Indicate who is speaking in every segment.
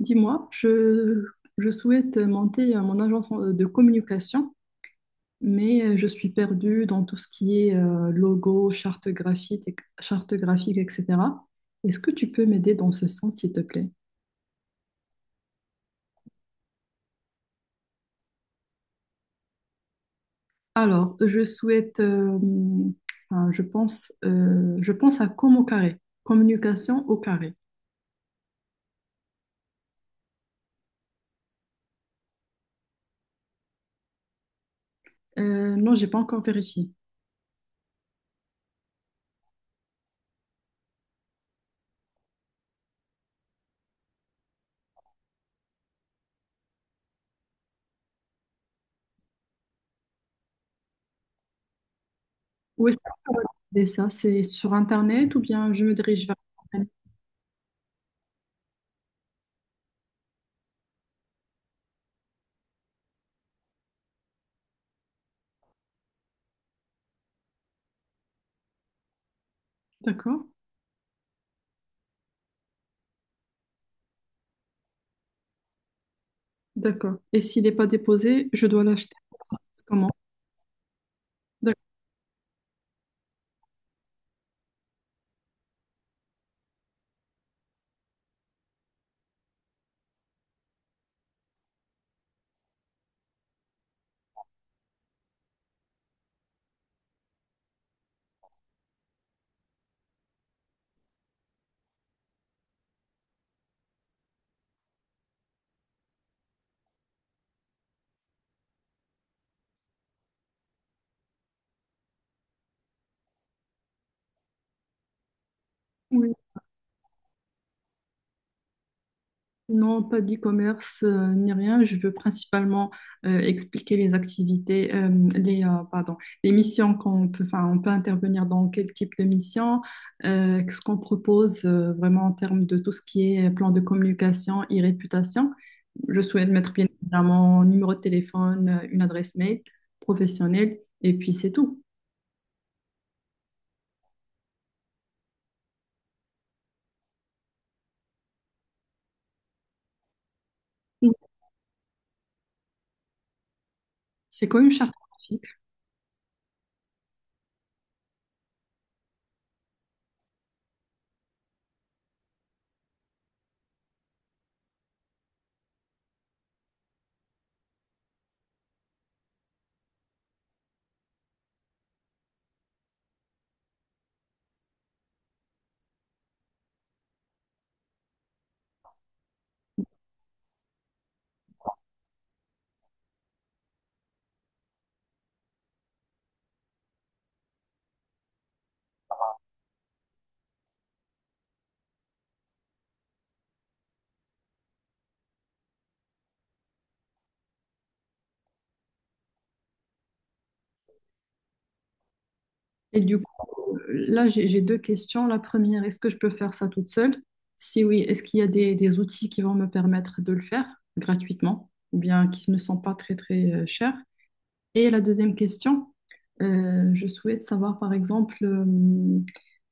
Speaker 1: Dis-moi, je souhaite monter mon agence de communication, mais je suis perdue dans tout ce qui est logo, charte graphique, charte graphique, etc. Est-ce que tu peux m'aider dans ce sens, s'il te plaît? Alors, je souhaite, enfin, je pense à com au carré, communication au carré. Non, j'ai pas encore vérifié. Où est-ce que je peux regarder ça? C'est sur Internet ou bien je me dirige vers... D'accord, d'accord. Et s'il n'est pas déposé, je dois l'acheter. Comment? D'accord. Oui. Non, pas d'e-commerce ni rien. Je veux principalement expliquer les activités, pardon, les missions qu'on peut, enfin, on peut intervenir dans quel type de mission, ce qu'on propose vraiment en termes de tout ce qui est plan de communication et réputation. Je souhaite mettre bien évidemment un numéro de téléphone, une adresse mail professionnelle, et puis c'est tout. Oui. C'est quoi une charte? Et du coup, là, j'ai deux questions. La première, est-ce que je peux faire ça toute seule? Si oui, est-ce qu'il y a des outils qui vont me permettre de le faire gratuitement ou bien qui ne sont pas très, très chers? Et la deuxième question, je souhaite savoir, par exemple, euh,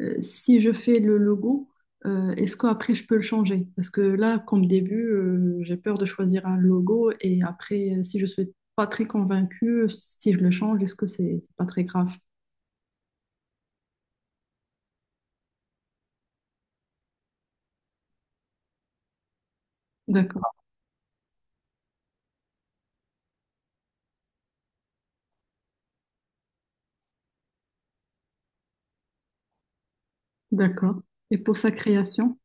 Speaker 1: euh, si je fais le logo, est-ce qu'après je peux le changer? Parce que là, comme début, j'ai peur de choisir un logo et après, si je suis pas très convaincue, si je le change, est-ce que c'est pas très grave? D'accord. D'accord. Et pour sa création?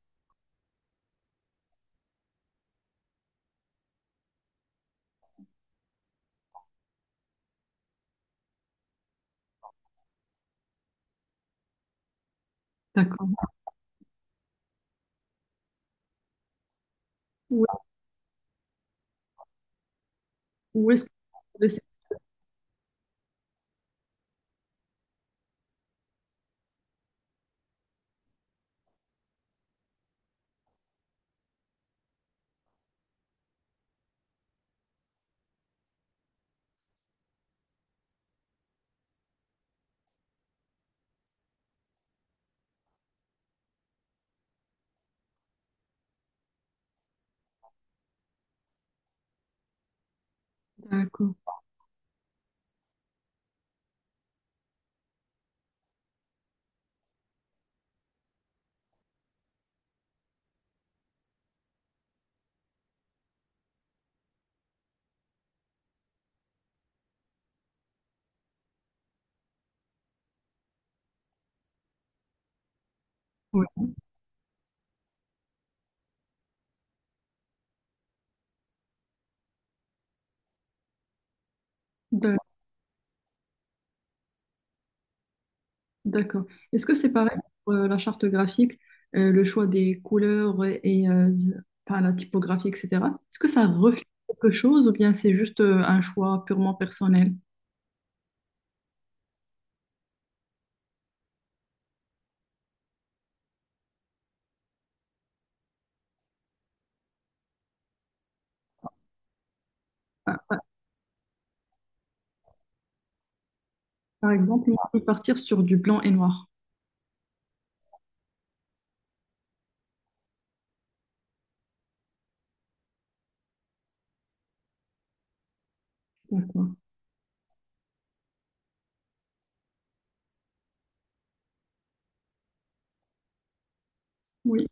Speaker 1: D'accord. Où où est-ce que vous trouvez ces- D'accord. Ouais. D'a- D'accord. Est-ce que c'est pareil pour la charte graphique, le choix des couleurs enfin, la typographie, etc. Est-ce que ça reflète quelque chose ou bien c'est juste un choix purement personnel? Par par- par exemple, on peut partir sur du blanc et noir. D'accord. Oui.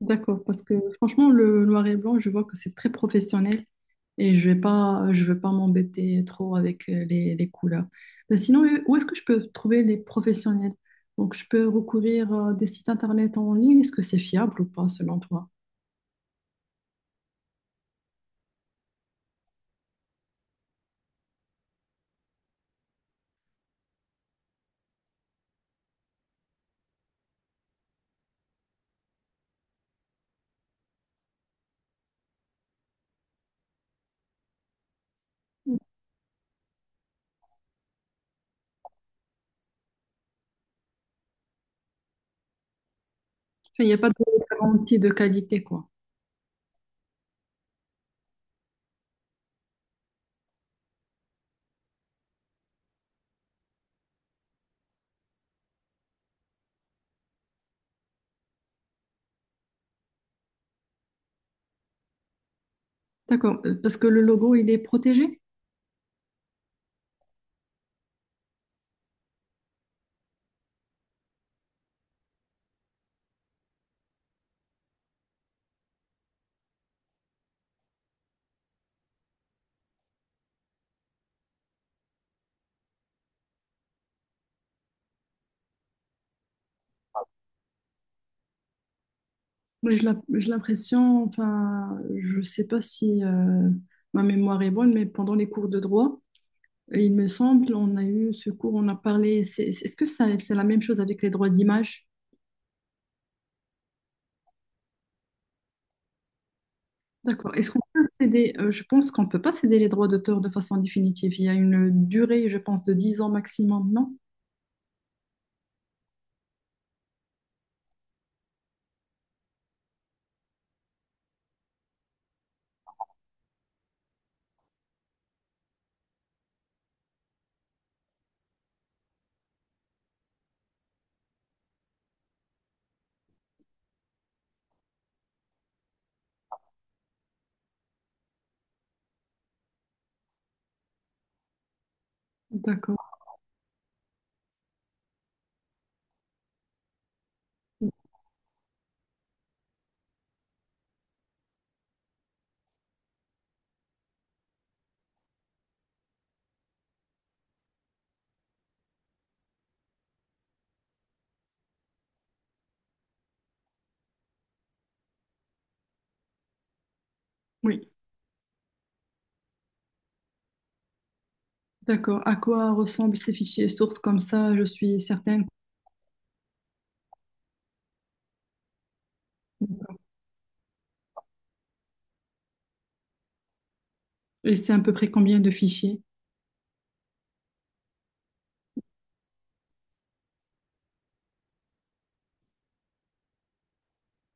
Speaker 1: D'accord, parce que franchement, le noir et blanc, je vois que c'est très professionnel et je vais pas, je veux pas m'embêter trop avec les couleurs. Mais sinon, où est-ce que je peux trouver les professionnels? Donc, je peux recourir à des sites internet en ligne. Est-ce que c'est fiable ou pas, selon toi? Enfin, il n'y a pas de garantie de qualité, quoi. D'accord, parce que le logo, il est protégé. Mais je l'ai j'ai l'impression, enfin, je sais pas si ma mémoire est bonne, mais pendant les cours de droit, et il me semble, on a eu ce cours, on a parlé. Est-ce que ça, c'est la même chose avec les droits d'image? D'accord. Est-ce qu'on peut céder? Je pense qu'on ne peut pas céder les droits d'auteur de façon définitive. Il y a une durée, je pense, de 10 ans maximum, non? D'accord. Oui. D'accord. À quoi ressemblent ces fichiers sources comme ça? Je suis certaine. Et c'est à peu près combien de fichiers?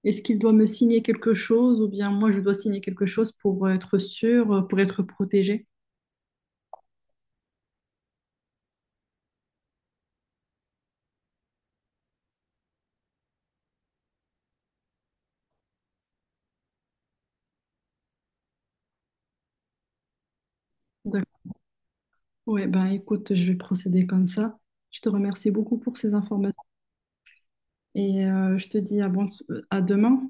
Speaker 1: Est-ce qu'il doit me signer quelque chose ou bien moi je dois signer quelque chose pour être sûr, pour être protégé. D'accord. Ouais, ben écoute, je vais procéder comme ça. Je te remercie beaucoup pour ces informations et je te dis à, bon, à demain.